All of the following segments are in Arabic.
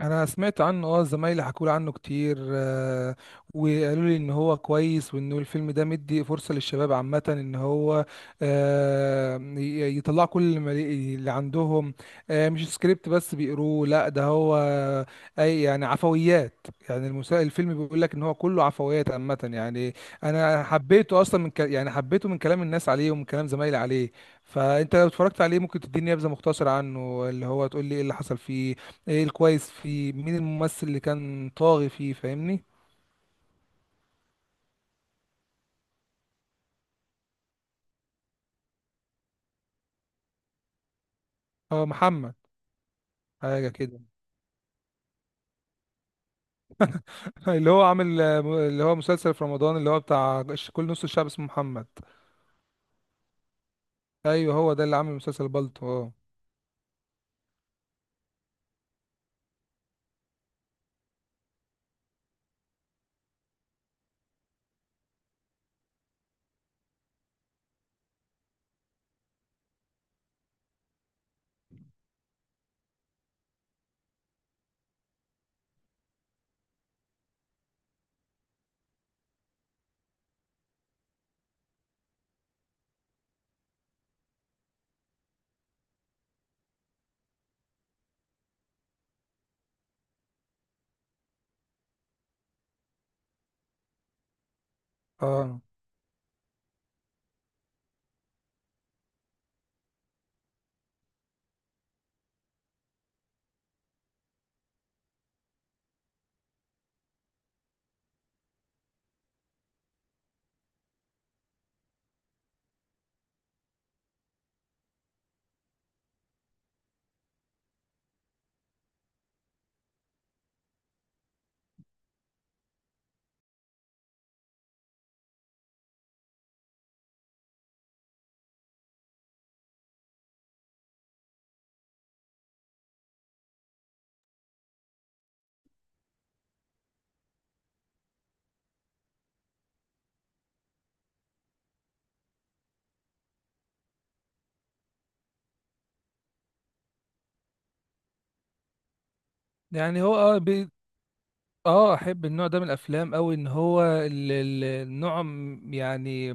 انا سمعت عنه اه، زمايلي حكوا لي عنه كتير. وقالوا لي ان هو كويس وانه الفيلم ده مدي فرصة للشباب عامة ان هو يطلع كل ما لي- اللي عندهم. مش سكريبت بس بيقروه، لا ده هو اي يعني عفويات، يعني الفيلم بيقول لك ان هو كله عفويات عامة يعني. انا حبيته اصلا يعني حبيته من كلام الناس عليه ومن كلام زمايلي عليه. فانت لو اتفرجت عليه ممكن تديني نبذة مختصرة عنه، اللي هو تقول لي ايه اللي حصل فيه، ايه الكويس فيه، مين الممثل اللي كان طاغي فيه، فاهمني؟ هو محمد. حاجة كده. اللي هو عامل اللي هو مسلسل في رمضان اللي هو بتاع كل نص الشعب اسمه محمد. ايوه هو ده اللي عامل مسلسل بالطو، اه. اه يعني هو اه، اه احب النوع ده من الافلام قوي، ان هو النوع يعني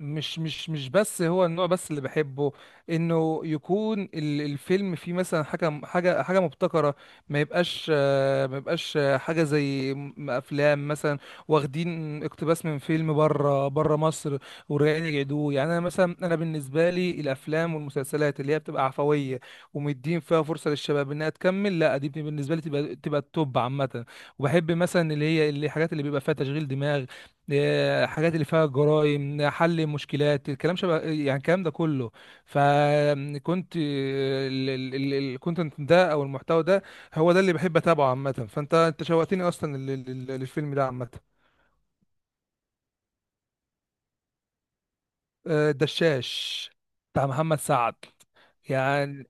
مش بس هو النوع بس اللي بحبه، انه يكون الفيلم فيه مثلا حاجه مبتكره. ما يبقاش ما يبقاش حاجه افلام مثلا واخدين اقتباس من فيلم بره بره مصر ورجعين يعيدوه. يعني انا مثلا، انا بالنسبه لي الافلام والمسلسلات اللي هي بتبقى عفويه ومدين فيها فرصه للشباب انها تكمل، لا دي بالنسبه لي تبقى تبقى التوب عامه. وبحب مثلا اللي هي الحاجات اللي بيبقى فيها تشغيل دماغ، حاجات اللي فيها جرائم، حل مشكلات، الكلام شبه يعني الكلام ده كله. فكنت الكونتنت ده او المحتوى ده هو ده اللي بحب اتابعه عامه. فانت انت شوقتني اصلا للفيلم ده عامه. الدشاش بتاع محمد سعد. يعني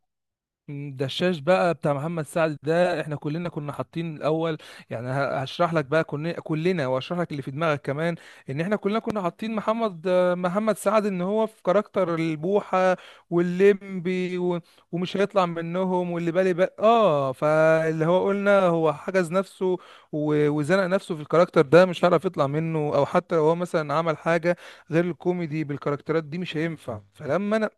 الدشاش بقى بتاع محمد سعد ده احنا كلنا كنا حاطين الاول، يعني هشرح لك بقى، كنا كلنا واشرح لك اللي في دماغك كمان، ان احنا كلنا كنا حاطين محمد، محمد سعد ان هو في كاركتر البوحة واللمبي و... ومش هيطلع منهم واللي بالي بقى اه، فاللي هو قلنا هو حجز نفسه و... وزنق نفسه في الكاركتر ده، مش هيعرف يطلع منه، او حتى لو هو مثلا عمل حاجة غير الكوميدي بالكاركترات دي مش هينفع. فلما انا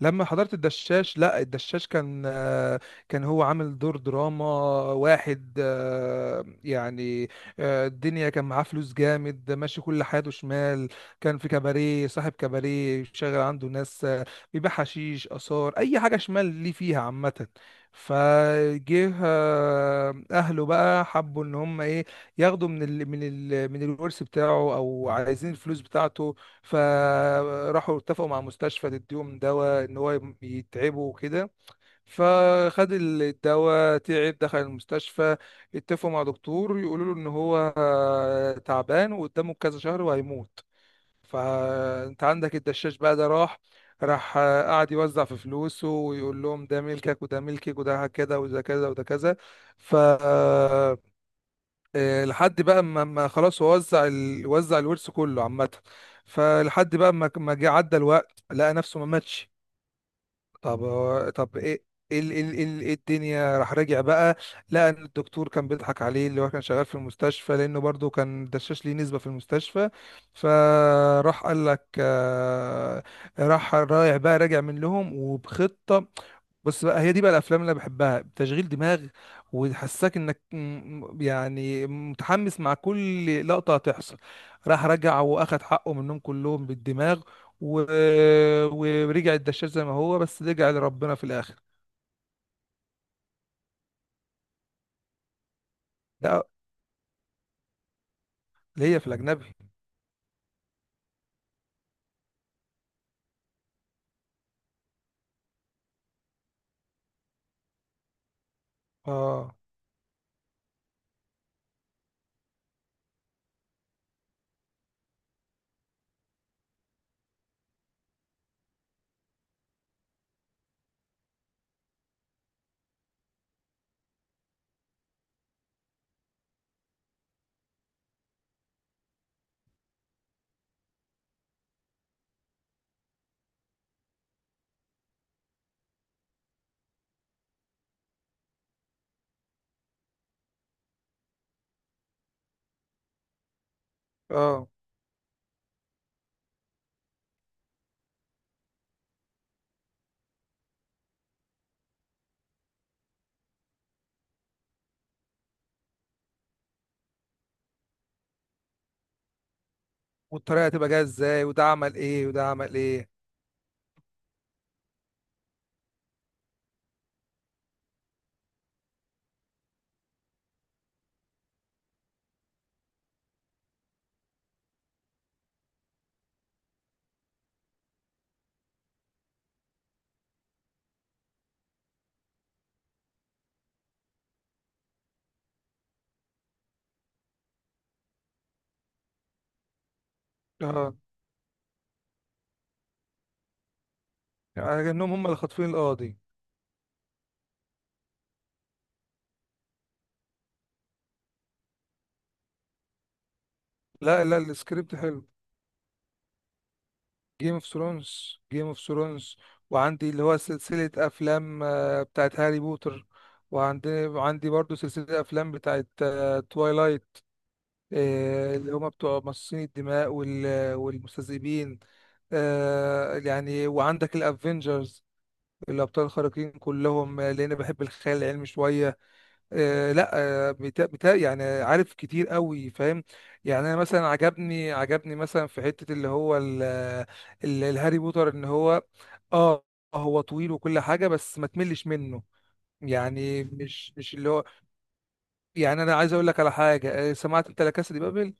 لما حضرت الدشاش، لا الدشاش كان كان هو عامل دور دراما واحد يعني الدنيا كان معاه فلوس جامد، ماشي كل حياته شمال، كان في كباريه، صاحب كباريه، شغال عنده ناس، بيبيع حشيش، آثار، أي حاجة شمال ليه فيها عامة. فجه اهله بقى حبوا ان هم ايه، ياخدوا من ال من الورث بتاعه، او عايزين الفلوس بتاعته. فراحوا اتفقوا مع مستشفى تديهم دواء ان هو يتعبوا وكده، فخد الدواء تعب دخل المستشفى، اتفقوا مع دكتور يقولوا له ان هو تعبان وقدامه كذا شهر وهيموت. فانت عندك الدشاش بقى ده راح، راح قعد يوزع في فلوسه ويقول لهم ده ملكك وده ملكك وده كذا وده كذا وده كذا. ف لحد بقى ما خلاص هو وزع الورث كله عامة. فلحد بقى ما جه عدى الوقت لقى نفسه ما ماتش. طب ايه؟ إيه ال إيه الدنيا؟ راح راجع بقى، لقى ان الدكتور كان بيضحك عليه، اللي هو كان شغال في المستشفى لانه برضه كان دشاش ليه نسبة في المستشفى. فراح قال لك راح رايح بقى راجع من لهم وبخطة. بص بقى هي دي بقى الافلام اللي انا بحبها، تشغيل دماغ وتحسسك انك يعني متحمس مع كل لقطه هتحصل. راح رجع واخد حقه منهم كلهم بالدماغ و... ورجع الدشاش زي ما هو، بس رجع لربنا في الاخر. لا اللي هي في الاجنبي. اه. اه والطريقه هتبقى جايه ازاي وده عمل ايه وده عمل ايه. اه يعني انهم هم اللي خاطفين القاضي. لا لا، السكريبت حلو. جيم اوف ثرونز، جيم اوف ثرونز، وعندي اللي هو سلسلة أفلام بتاعت هاري بوتر. وعندي برضو سلسلة أفلام بتاعت توايلايت اللي هما بتوع مصاصين الدماء والمستذئبين. يعني وعندك الأفينجرز، الأبطال الخارقين كلهم، لأن بحب الخيال العلمي شوية. آه لا، آه بتا يعني عارف كتير قوي، فاهم؟ يعني انا مثلا عجبني، عجبني مثلا في حتة اللي هو الهاري بوتر ان هو اه، هو طويل وكل حاجة بس ما تملش منه. يعني مش اللي هو، يعني انا عايز اقول لك على حاجة سمعت انت لا كاسا دي بابل؟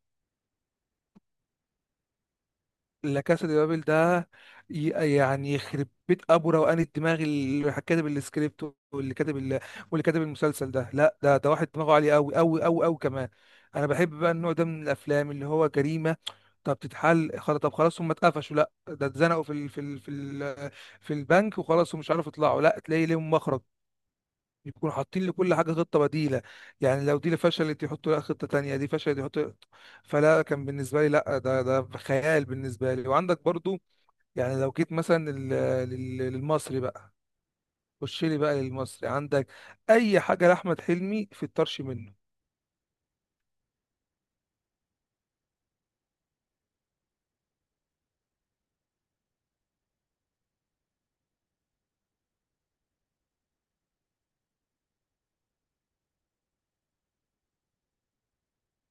لا كاسا دي بابل ده ي- يعني يخرب بيت ابو روقان الدماغ اللي كاتب السكريبت، واللي واللي كاتب المسلسل ده، لا ده ده واحد دماغه عالي قوي قوي قوي قوي كمان. انا بحب بقى النوع ده من الافلام اللي هو جريمه. طب تتحل خلاص، طب خلاص هم اتقفشوا، لا ده اتزنقوا في ال في البنك وخلاص ومش عارف يطلعوا، لا تلاقي ليهم مخرج، يكونوا حاطين لكل حاجة خطة بديلة. يعني لو دي اللي فشلت يحطوا لها خطة تانية، دي فشلت يحطوا. فلا كان بالنسبة لي لا ده ده خيال بالنسبة لي. وعندك برضو يعني لو جيت مثلا للمصري بقى، خش لي بقى للمصري عندك أي حاجة لأحمد حلمي في الطرش منه.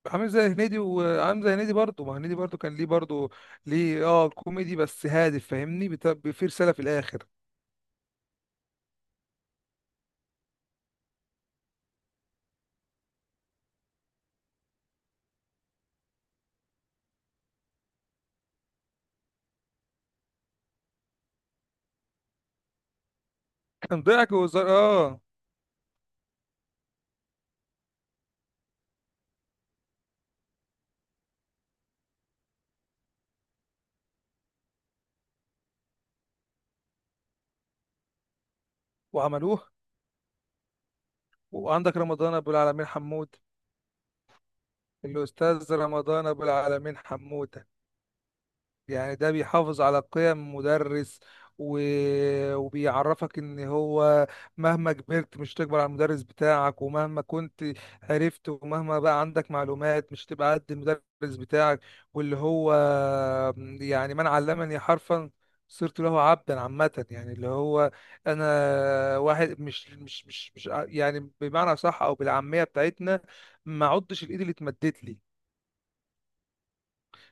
عامل زي هنيدي، وعامل زي هنيدي برضه، ما هنيدي برضه كان ليه برضه ليه اه كوميدي بس هادف، فاهمني؟ في رسالة في الآخر، كان ضحك وهزار اه، وعملوه. وعندك رمضان أبو العالمين حمود، الأستاذ رمضان أبو العالمين حمودة. يعني ده بيحافظ على قيم مدرس و... وبيعرفك إن هو مهما كبرت مش تكبر على المدرس بتاعك، ومهما كنت عرفت ومهما بقى عندك معلومات مش تبقى قد المدرس بتاعك. واللي هو يعني من علمني حرفا صرت له عبدا عامة. يعني اللي هو أنا واحد مش مش مش مش ع- يعني بمعنى صح أو بالعامية بتاعتنا ما عدتش الإيد اللي اتمدت لي.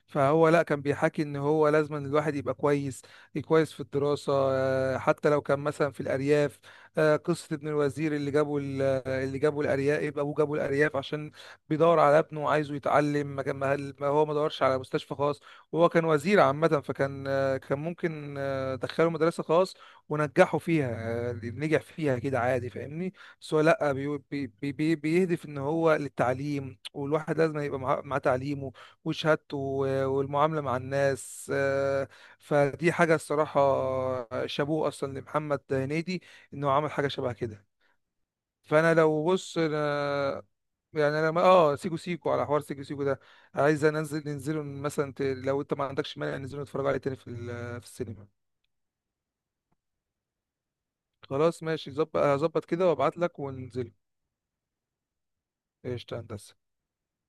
فهو لا كان بيحكي ان هو لازم إن الواحد يبقى كويس، كويس في الدراسة حتى لو كان مثلا في الارياف. قصة ابن الوزير اللي اللي جابه الارياف، ابوه جابه الارياف عشان بيدور على ابنه وعايزه يتعلم. ما هو ما دورش على مستشفى خاص وهو كان وزير عامة، فكان كان ممكن دخله مدرسة خاص ونجحه فيها، نجح فيها كده عادي، فاهمني؟ بس هو لا بي بيهدف ان هو للتعليم والواحد لازم يبقى معاه مع تعليم وشهادته والمعاملة مع الناس فدي حاجة الصراحة شابوه أصلا لمحمد هنيدي إنه عمل حاجة شبه كده. فأنا لو بص أنا يعني أنا آه سيكو سيكو، على حوار سيكو سيكو ده عايز ننزل ننزله مثلا، لو أنت ما عندكش مانع ننزله نتفرج عليه تاني في السينما. خلاص ماشي، ظبط هظبط كده وأبعت لك وننزله. قشطة يا هندسة.